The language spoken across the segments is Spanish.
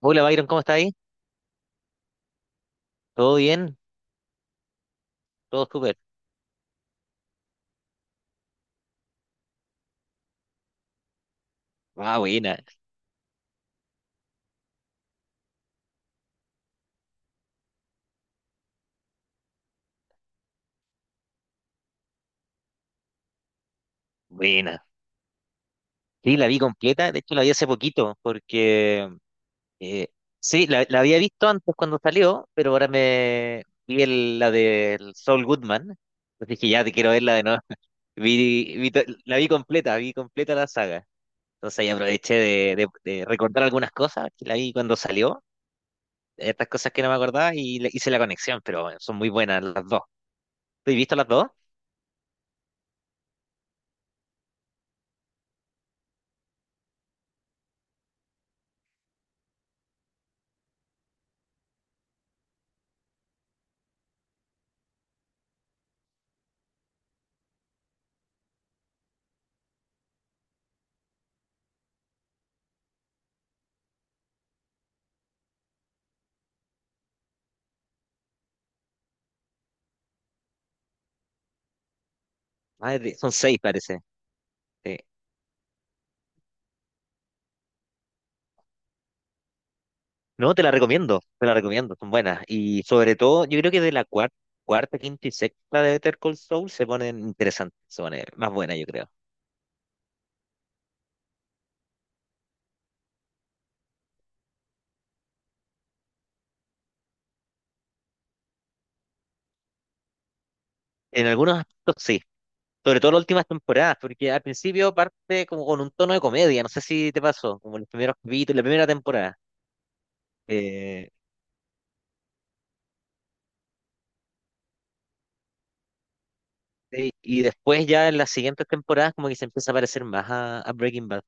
Hola Byron, ¿cómo está ahí? ¿Todo bien? ¿Todo súper? Ah, buena, buena. Sí, la vi completa, de hecho la vi hace poquito, porque eh, sí, la había visto antes cuando salió, pero ahora me vi la del Saul Goodman, entonces dije, ya te quiero verla de nuevo. Vi la vi completa la saga, entonces ahí aproveché de recordar algunas cosas que la vi cuando salió, estas cosas que no me acordaba y hice la conexión, pero bueno, son muy buenas las dos. ¿Tú has visto las dos? Ah, es son 6 parece. Sí. No, te la recomiendo, son buenas. Y sobre todo, yo creo que de la cuarta, cuarta, quinta y sexta de Better Call Saul se ponen interesantes, se ponen más buenas, yo creo. En algunos aspectos sí, sobre todo las últimas temporadas, porque al principio parte como con un tono de comedia, no sé si te pasó, como en los primeros capítulos, la primera temporada. Eh, y después ya en las siguientes temporadas como que se empieza a parecer más a Breaking Bad,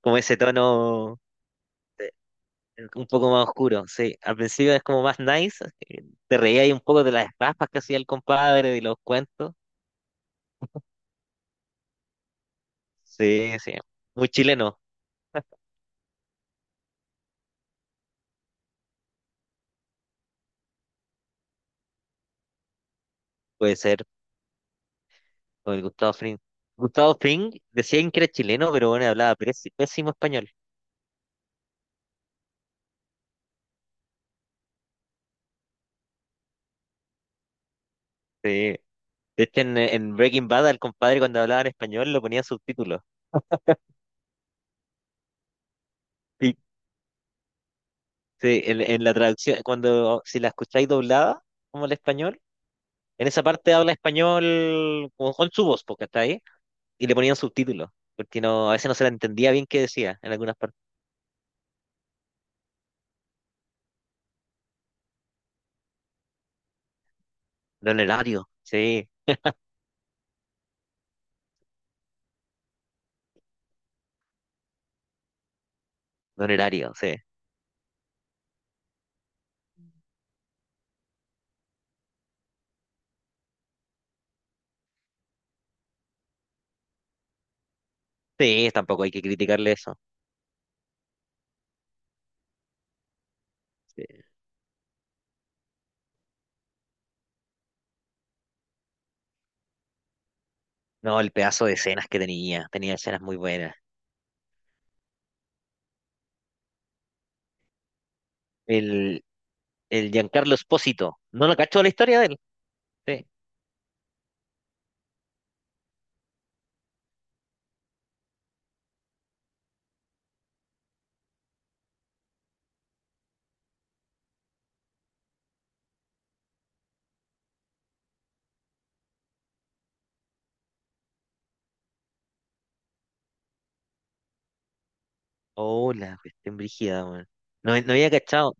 como ese tono. Un poco más oscuro, sí. Al principio es como más nice. Te reía ahí un poco de las raspas que hacía el compadre, de los cuentos. Sí, sí. Muy chileno, puede ser, o el Gustavo Fring. Gustavo Fring decían que era chileno, pero bueno, hablaba pésimo español. Sí. De hecho, en Breaking Bad, al compadre cuando hablaba en español lo ponía subtítulos. Sí. Sí, en la traducción, cuando si la escucháis doblada, como el español, en esa parte habla español con su voz, porque está ahí y le ponían subtítulos, porque no, a veces no se la entendía bien qué decía en algunas partes. Don Elario, sí, Don Elario, sí. Sí, tampoco hay que criticarle eso. Sí. No, el pedazo de escenas que tenía, tenía escenas muy buenas. El, el Giancarlo Espósito, no lo cachó la historia de él. Sí. Hola, cuestión brígida, weón. No, no había cachado.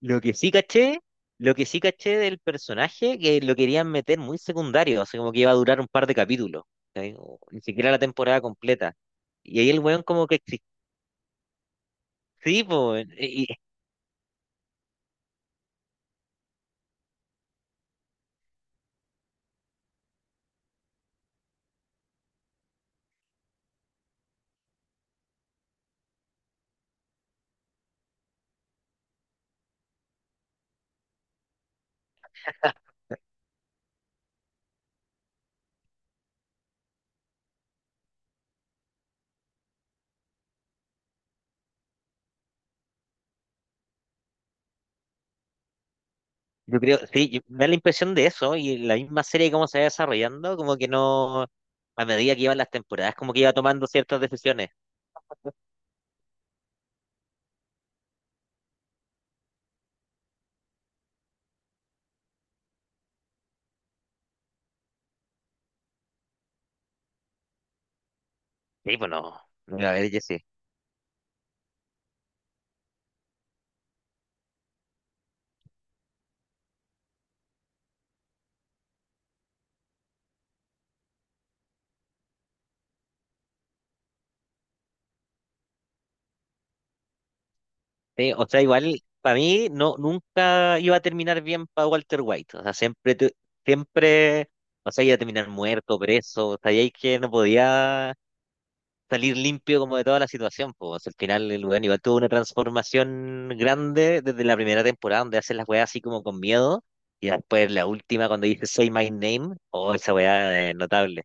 Lo que sí caché, lo que sí caché del personaje, que lo querían meter muy secundario, así como que iba a durar un par de capítulos, ¿sí? O ni siquiera la temporada completa. Y ahí el weón como que sí, pues, y yo creo, sí, me da la impresión de eso, y la misma serie cómo se va desarrollando, como que no, a medida que iban las temporadas, como que iba tomando ciertas decisiones. Sí, pues no, no, a ver, yo sí. Sí, o sea, igual, para mí, no, nunca iba a terminar bien para Walter White, o sea, siempre, siempre, o sea, iba a terminar muerto, preso, o sea, y ahí que no podía salir limpio como de toda la situación. Pues al final el weón igual tuvo una transformación grande desde la primera temporada donde hace las weas así como con miedo y después la última cuando dice Say My Name, oh, esa wea es notable.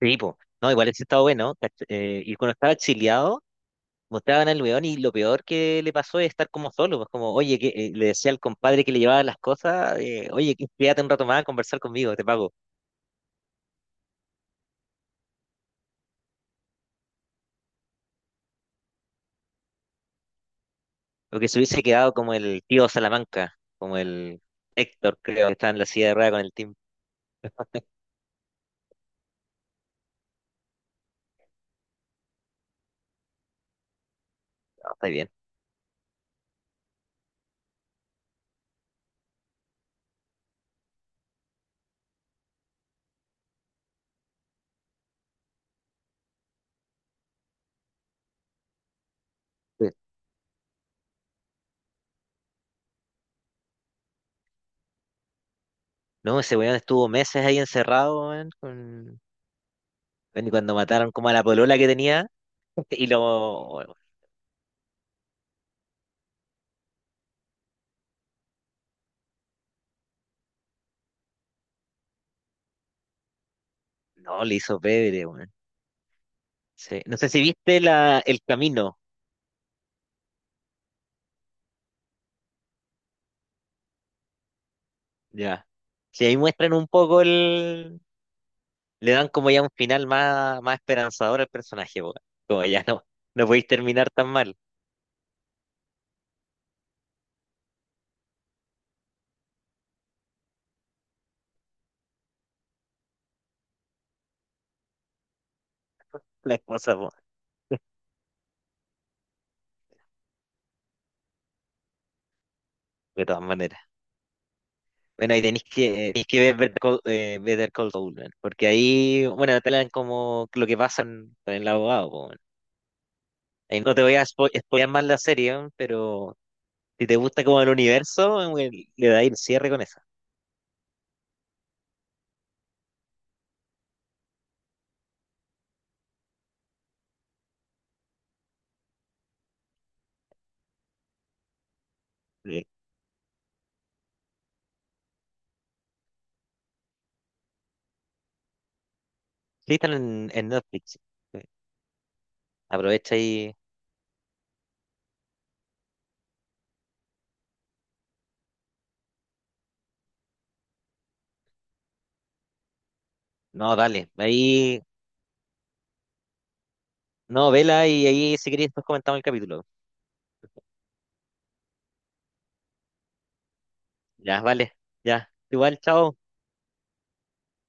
Sí, pues, no, igual ese estaba bueno. Y cuando estaba exiliado, mostraban al weón y lo peor que le pasó es estar como solo, pues como, oye, que le decía al compadre que le llevaba las cosas, oye, quédate un rato más a conversar conmigo, te pago. O que se hubiese quedado como el tío Salamanca, como el Héctor, creo, que está en la silla de ruedas con el team. No, está bien. Sí. No, ese weón estuvo meses ahí encerrado, weón, con... weón, y cuando mataron como a la polola que tenía, y lo... No, le hizo pedre, weón. Sí. No sé si viste la... el camino, ya. Si ahí muestran un poco el... Le dan como ya un final más, más esperanzador al personaje, weón. Como ya no, no podéis terminar tan mal la cosa, weón, de todas maneras. Bueno, ahí tenéis que ver Better Call, Better Call Saul, weón, porque ahí, bueno, te hablan como lo que pasa en el abogado, po, weón. Ahí no te voy a spoilear más la serie, weón, pero si te gusta como el universo, weón, le dais el cierre con esa. Sí, sí están en Netflix. Sí. Aprovecha y... No, dale, ahí... No, vela y ahí si queréis después comentamos el capítulo. Ya, vale, ya. Igual, chao.